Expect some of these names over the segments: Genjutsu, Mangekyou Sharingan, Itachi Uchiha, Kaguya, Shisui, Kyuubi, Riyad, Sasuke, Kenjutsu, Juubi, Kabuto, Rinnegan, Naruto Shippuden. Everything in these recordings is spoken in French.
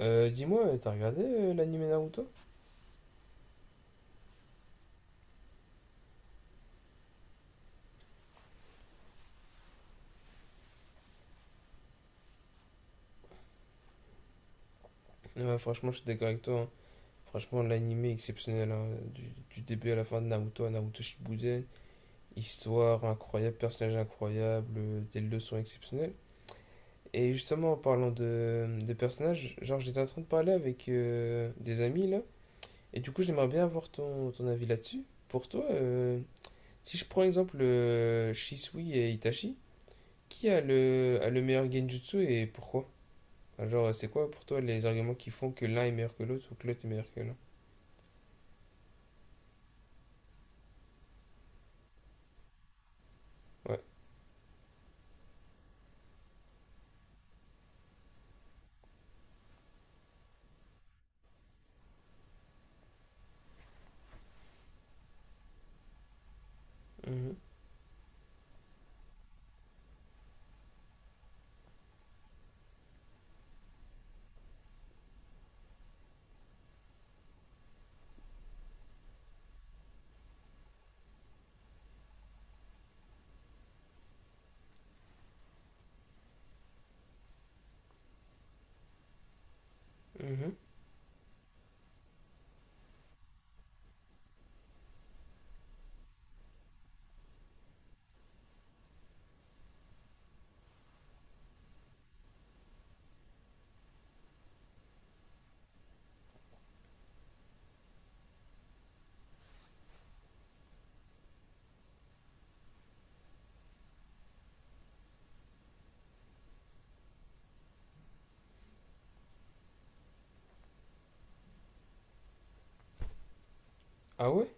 Dis-moi, t'as regardé l'anime Naruto? Ouais, franchement, je suis d'accord avec toi, hein. Franchement, l'anime est exceptionnel, hein. Du début à la fin de Naruto à Naruto Shippuden. Histoire incroyable, personnage incroyable, des leçons exceptionnelles. Et justement, en parlant de personnages, genre, j'étais en train de parler avec des amis là. Et du coup, j'aimerais bien avoir ton avis là-dessus. Pour toi, si je prends exemple Shisui et Itachi, qui a le meilleur Genjutsu et pourquoi? Alors, c'est quoi pour toi les arguments qui font que l'un est meilleur que l'autre ou que l'autre est meilleur que l'un. Ouais. Mhm. Mhm. Ah ouais.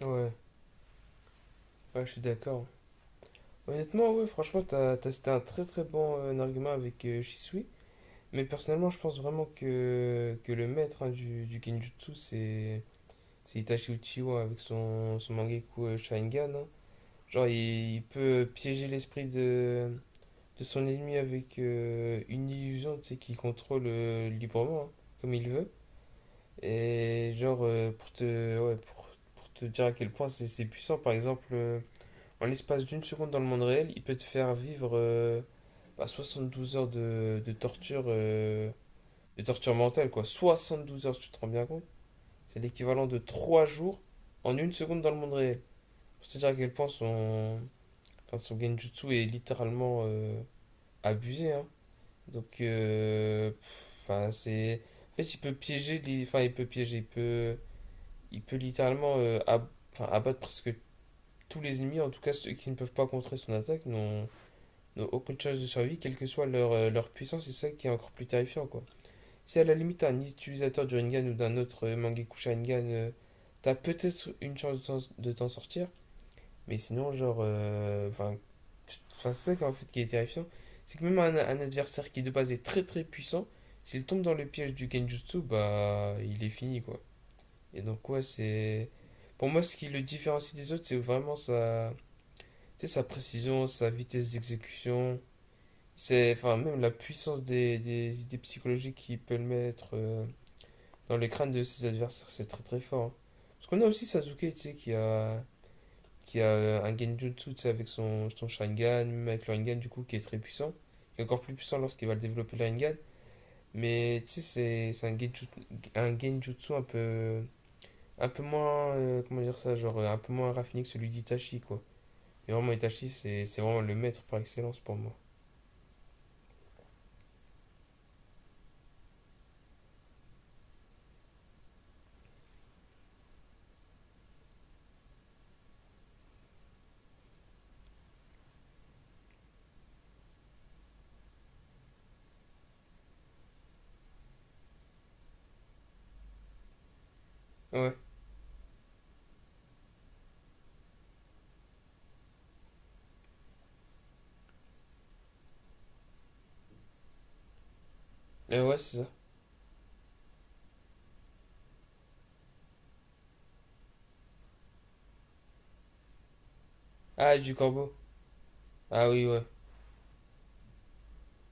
Ouais. Ouais, je suis d'accord. Honnêtement, ouais, franchement, c'était un très très bon argument avec Shisui. Mais personnellement, je pense vraiment que le maître, hein, du Kenjutsu, c'est Itachi Uchiwa avec son Mangekyou Sharingan, hein. Genre, il peut piéger l'esprit de son ennemi avec une illusion, tu sais, qu'il contrôle librement, hein, comme il veut. Et genre, ouais, pour te dire à quel point c'est puissant, par exemple, en l'espace d'une seconde dans le monde réel, il peut te faire vivre bah, 72 heures de torture, de torture mentale, quoi. 72 heures, tu te rends bien compte? C'est l'équivalent de 3 jours en une seconde dans le monde réel. Pour te dire à quel point son, enfin, son genjutsu est littéralement abusé, hein. Donc, enfin, c'est. En fait, il peut piéger, enfin, il peut piéger, il peut littéralement enfin, abattre presque tous les ennemis, en tout cas ceux qui ne peuvent pas contrer son attaque n'ont aucune chance de survie, quelle que soit leur puissance, et c'est ça qui est encore plus terrifiant, quoi. Si à la limite un utilisateur du Rinnegan ou d'un autre Mangekyou Sharingan, t'as peut-être une chance de t'en sortir, mais sinon, genre, enfin, c'est ça qui, en fait qui est terrifiant, c'est que même un adversaire qui de base est très très puissant, s'il tombe dans le piège du Genjutsu, bah, il est fini, quoi. Et donc, ouais, c'est. Pour moi, ce qui le différencie des autres, c'est vraiment sa, tu sais, sa précision, sa vitesse d'exécution. C'est, enfin, même la puissance des idées psychologiques qu'il peut le mettre dans les crânes de ses adversaires, c'est très très fort, hein. Parce qu'on a aussi Sasuke, tu sais, qui a un Genjutsu, tu sais, avec son Sharingan, même avec le Rinnegan, du coup, qui est très puissant. Qui est encore plus puissant lorsqu'il va le développer le Rinnegan. Mais, tu sais, c'est un Genjutsu un peu moins, comment dire ça, genre un peu moins raffiné que celui d'Itachi, quoi. Et vraiment, Itachi, c'est vraiment le maître par excellence pour moi. Ouais. Ouais, c'est ça. Ah, du corbeau. Ah oui, ouais.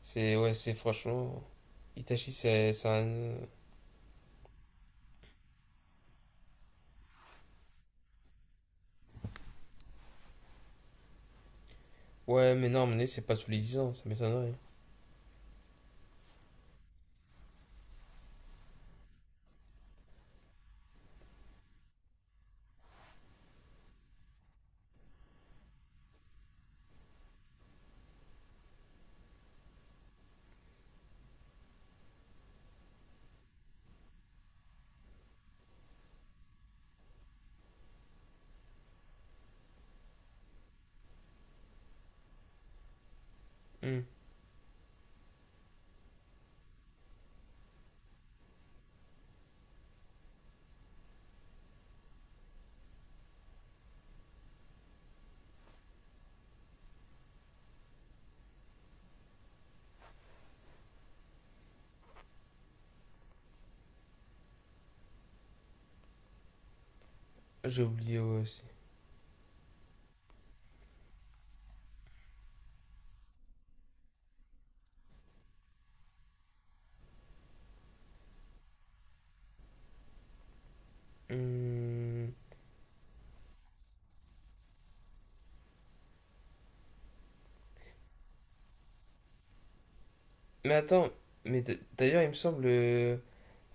C'est, ouais, c'est franchement. Itachi, c'est un. Ouais, mais non, mais c'est pas tous les 10 ans, ça m'étonnerait. Hmm. J'ai oublié ouais, aussi. Hmm. Mais attends, mais d'ailleurs, il me semble.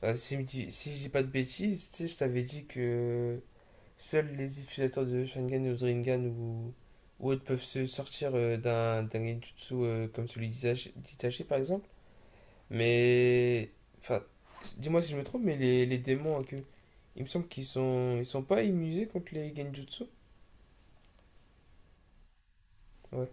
Enfin, si, si je dis pas de bêtises, tu sais, je t'avais dit que. Seuls les utilisateurs de Sharingan ou Rinnegan ou autres peuvent se sortir d'un genjutsu comme celui d'Itachi, par exemple. Mais. Enfin, dis-moi si je me trompe, mais les démons à queue, il me semble qu'ils sont pas immunisés contre les genjutsu. Ouais.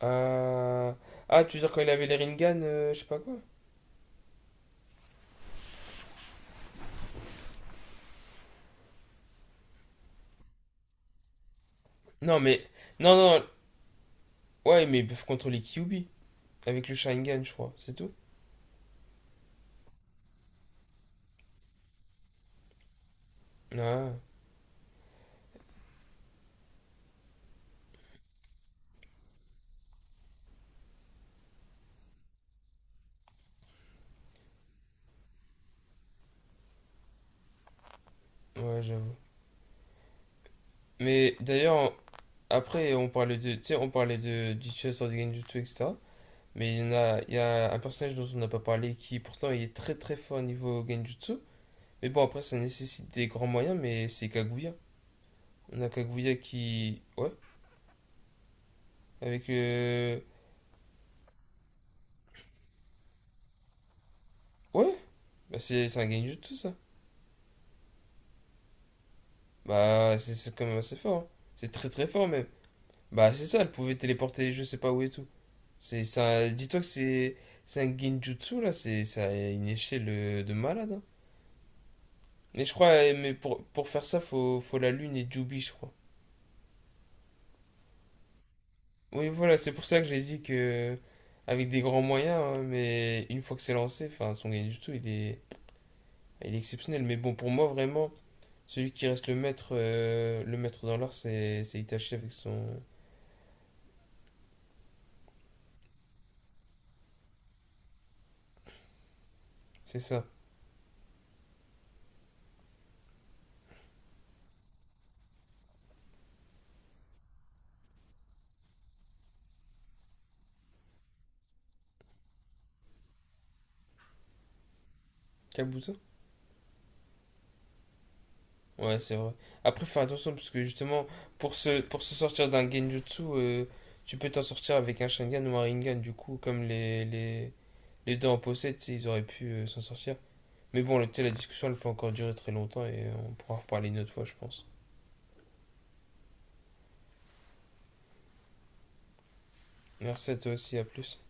Ah, ah, tu veux dire quand il avait les Rinnegan, je sais pas quoi. Non, mais. Non, non, ouais, mais ils peuvent contrôler Kyuubi avec le Sharingan, je crois, c'est tout. Ah, ouais, j'avoue. Mais d'ailleurs, après, on parlait de, tu sais, on parlait de du chasseur de Genjutsu, etc. Mais il y a un personnage dont on n'a pas parlé qui pourtant il est très très fort au niveau Genjutsu. Mais bon, après, ça nécessite des grands moyens, mais c'est Kaguya. On a Kaguya qui, ouais, avec ouais, bah c'est un Genjutsu ça. Bah c'est quand même assez fort, hein. C'est très très fort même. Bah c'est ça, elle pouvait téléporter je sais pas où et tout. C'est ça, dis-toi que c'est un Genjutsu là, c'est ça a une échelle de malade, hein. Mais je crois, eh, mais pour faire ça, faut la lune et Jubi, je crois. Oui, voilà, c'est pour ça que j'ai dit que avec des grands moyens, hein, mais une fois que c'est lancé, enfin, son gain du tout, il est exceptionnel. Mais bon, pour moi, vraiment, celui qui reste le maître dans l'art, c'est Itachi avec son, c'est ça, Kabuto? Ouais, c'est vrai. Après, fais attention parce que justement, pour se sortir d'un Genjutsu, tu peux t'en sortir avec un Sharingan ou un Rinnegan. Du coup, comme les deux en possèdent, tu sais, ils auraient pu s'en sortir. Mais bon, la discussion, elle peut encore durer très longtemps et on pourra en reparler une autre fois, je pense. Merci à toi aussi, à plus.